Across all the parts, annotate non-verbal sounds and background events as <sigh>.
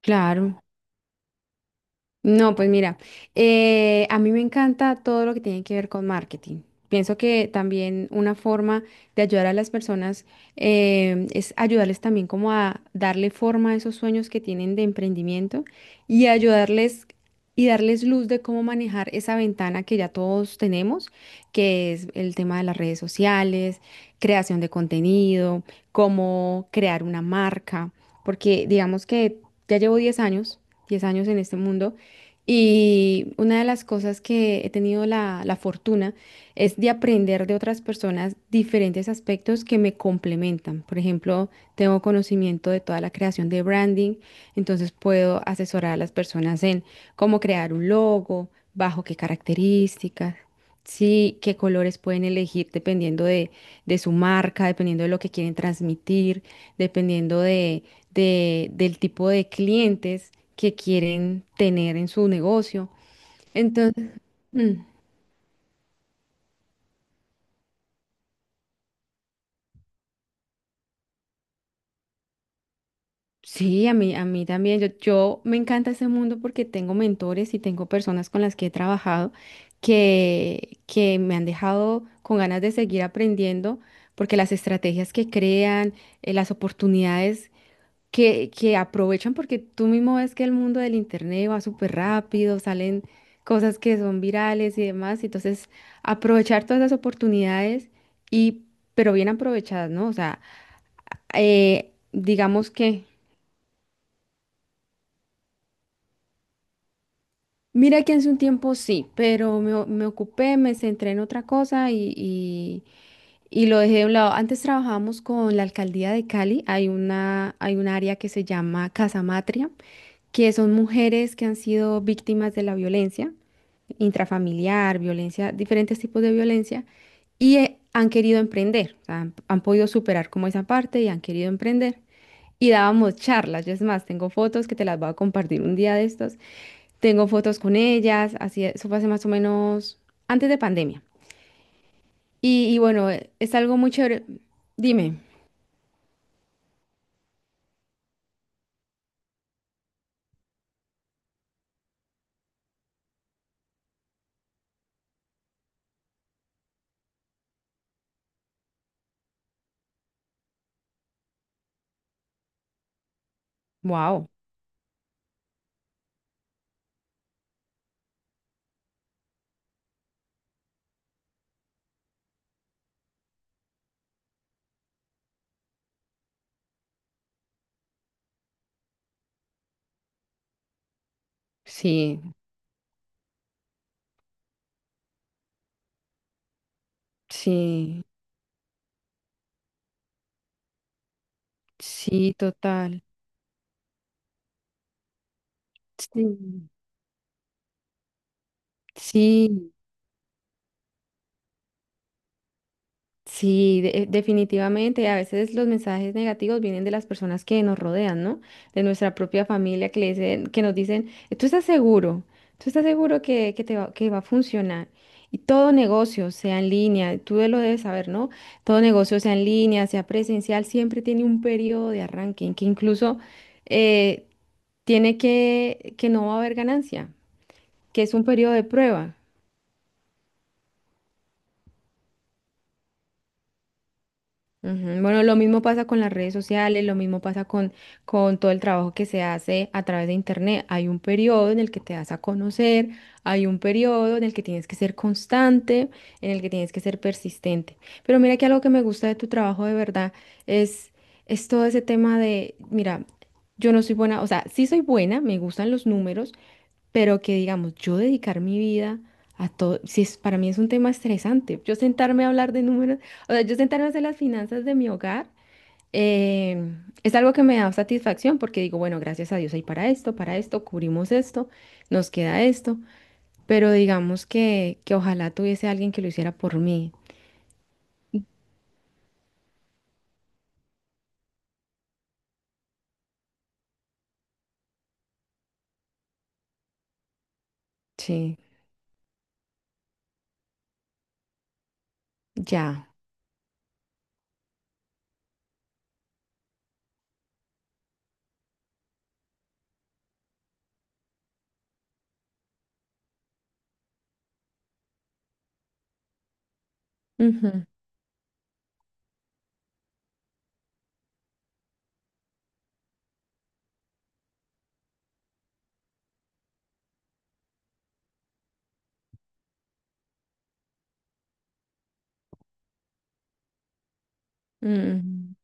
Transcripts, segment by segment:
Claro. No, pues mira, a mí me encanta todo lo que tiene que ver con marketing. Pienso que también una forma de ayudar a las personas es ayudarles también como a darle forma a esos sueños que tienen de emprendimiento y ayudarles y darles luz de cómo manejar esa ventana que ya todos tenemos, que es el tema de las redes sociales, creación de contenido, cómo crear una marca, porque digamos que ya llevo 10 años, 10 años en este mundo. Y una de las cosas que he tenido la fortuna es de aprender de otras personas diferentes aspectos que me complementan. Por ejemplo, tengo conocimiento de toda la creación de branding, entonces puedo asesorar a las personas en cómo crear un logo, bajo qué características, sí, qué colores pueden elegir de su marca, dependiendo de lo que quieren transmitir, dependiendo del tipo de clientes que quieren tener en su negocio. Entonces, mm, sí, a mí también, yo me encanta ese mundo porque tengo mentores y tengo personas con las que he trabajado que me han dejado con ganas de seguir aprendiendo porque las estrategias que crean, las oportunidades que aprovechan porque tú mismo ves que el mundo del internet va súper rápido, salen cosas que son virales y demás, y entonces aprovechar todas esas oportunidades y pero bien aprovechadas, ¿no? O sea, digamos que mira que hace un tiempo sí, pero me ocupé, me centré en otra cosa y lo dejé de un lado. Antes trabajábamos con la alcaldía de Cali, hay hay un área que se llama Casa Matria, que son mujeres que han sido víctimas de la violencia intrafamiliar, violencia, diferentes tipos de violencia, y han querido emprender, o sea, han podido superar como esa parte y han querido emprender. Y dábamos charlas, yo es más, tengo fotos que te las voy a compartir un día de estos. Tengo fotos con ellas, así, eso fue hace más o menos antes de pandemia. Y bueno, es algo muy chévere. Dime, wow, sí, sí, sí, total. Sí, sí, sí, de- definitivamente. A veces los mensajes negativos vienen de las personas que nos rodean, ¿no? De nuestra propia familia que le dicen, que nos dicen, tú estás seguro, tú estás seguro que te va, que va a funcionar. Y todo negocio, sea en línea, tú lo debes saber, ¿no? Todo negocio, sea en línea, sea presencial, siempre tiene un periodo de arranque en que incluso eh, tiene que no va a haber ganancia, que es un periodo de prueba. Ujú. Bueno, lo mismo pasa con las redes sociales, lo mismo pasa con todo el trabajo que se hace a través de Internet. Hay un periodo en el que te das a conocer, hay un periodo en el que tienes que ser constante, en el que tienes que ser persistente. Pero mira que algo que me gusta de tu trabajo de verdad es, es todo ese tema de, mira, yo no soy buena, o sea, sí soy buena, me gustan los números, pero que digamos, yo dedicar mi vida a todo, si es, para mí es un tema estresante, yo sentarme a hablar de números, o sea, yo sentarme a hacer las finanzas de mi hogar, eh, es algo que me da satisfacción porque digo, bueno, gracias a Dios hay para esto, cubrimos esto, nos queda esto, pero digamos que ojalá tuviese alguien que lo hiciera por mí, sí, ya. Ujú, ujú.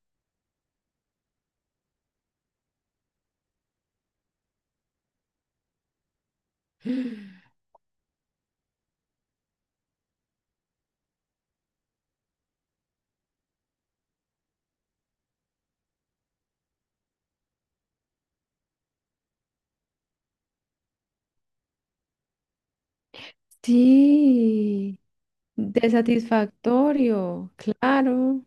Sí, de satisfactorio, claro.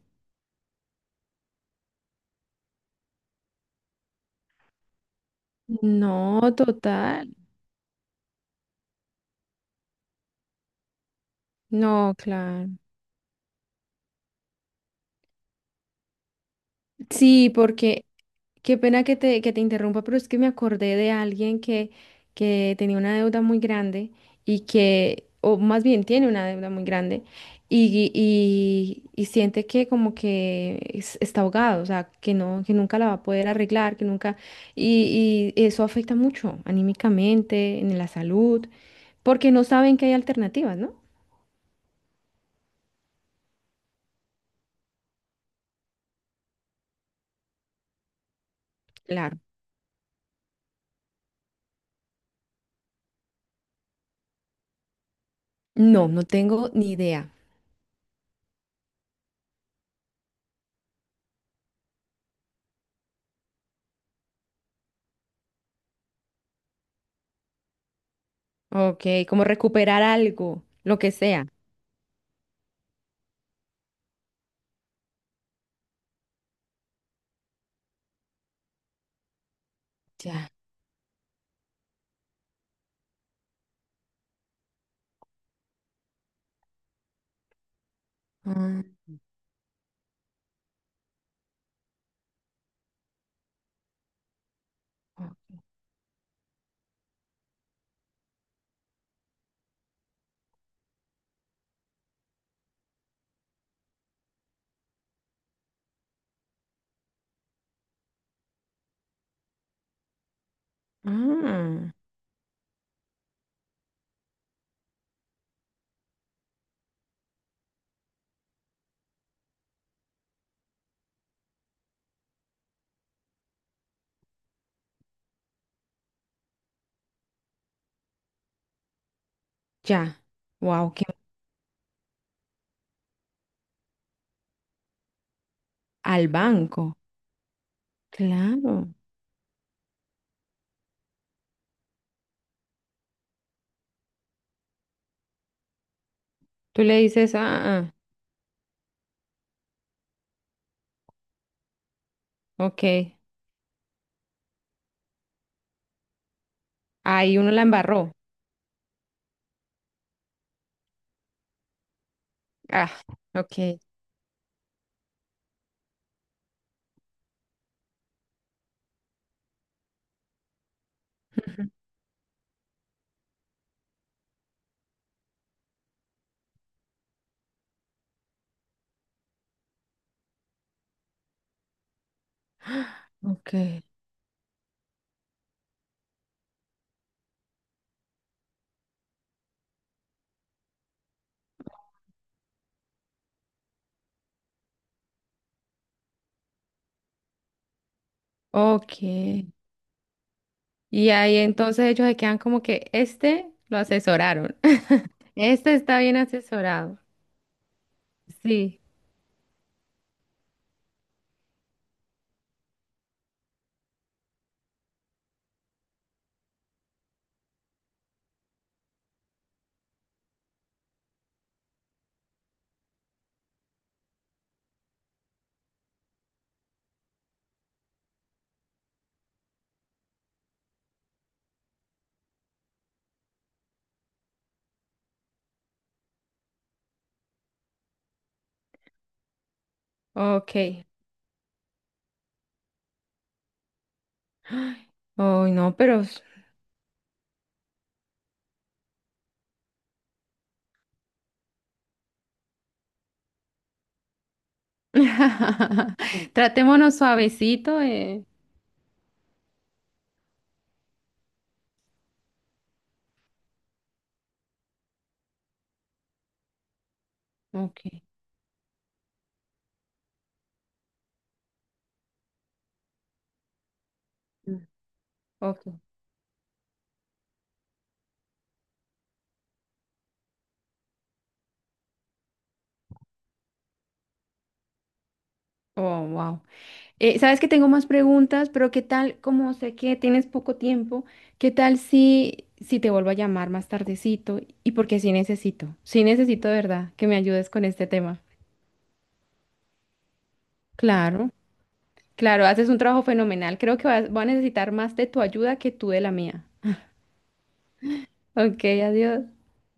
No, total. No, claro. Sí, porque qué pena que te interrumpa, pero es que me acordé de alguien que tenía una deuda muy grande y que, o más bien tiene una deuda muy grande y siente que como que está ahogado, o sea, que no, que nunca la va a poder arreglar, que nunca, y eso afecta mucho anímicamente, en la salud, porque no saben que hay alternativas, ¿no? Claro. No, no tengo ni idea. Ok, como recuperar algo, lo que sea. Ya. Ah, ah, ya. Wow, que al banco. Claro. Tú le dices, ah, ah, ok. Ahí uno la embarró. Ah, ok. Ah, ok. Ok. Y ahí entonces ellos se quedan como que este lo asesoraron. <laughs> Este está bien asesorado. Sí. Ok. Ay, no, pero s- <laughs> Tratémonos suavecito. Ok. Mm. Ok. Oh, wow. Sabes que tengo más preguntas, pero ¿qué tal? Como sé que tienes poco tiempo, ¿qué tal si te vuelvo a llamar más tardecito? Y porque sí necesito de verdad que me ayudes con este tema. Claro, claro, haces un trabajo fenomenal. Creo que voy a necesitar más de tu ayuda que tú de la mía. <laughs> Ok, adiós.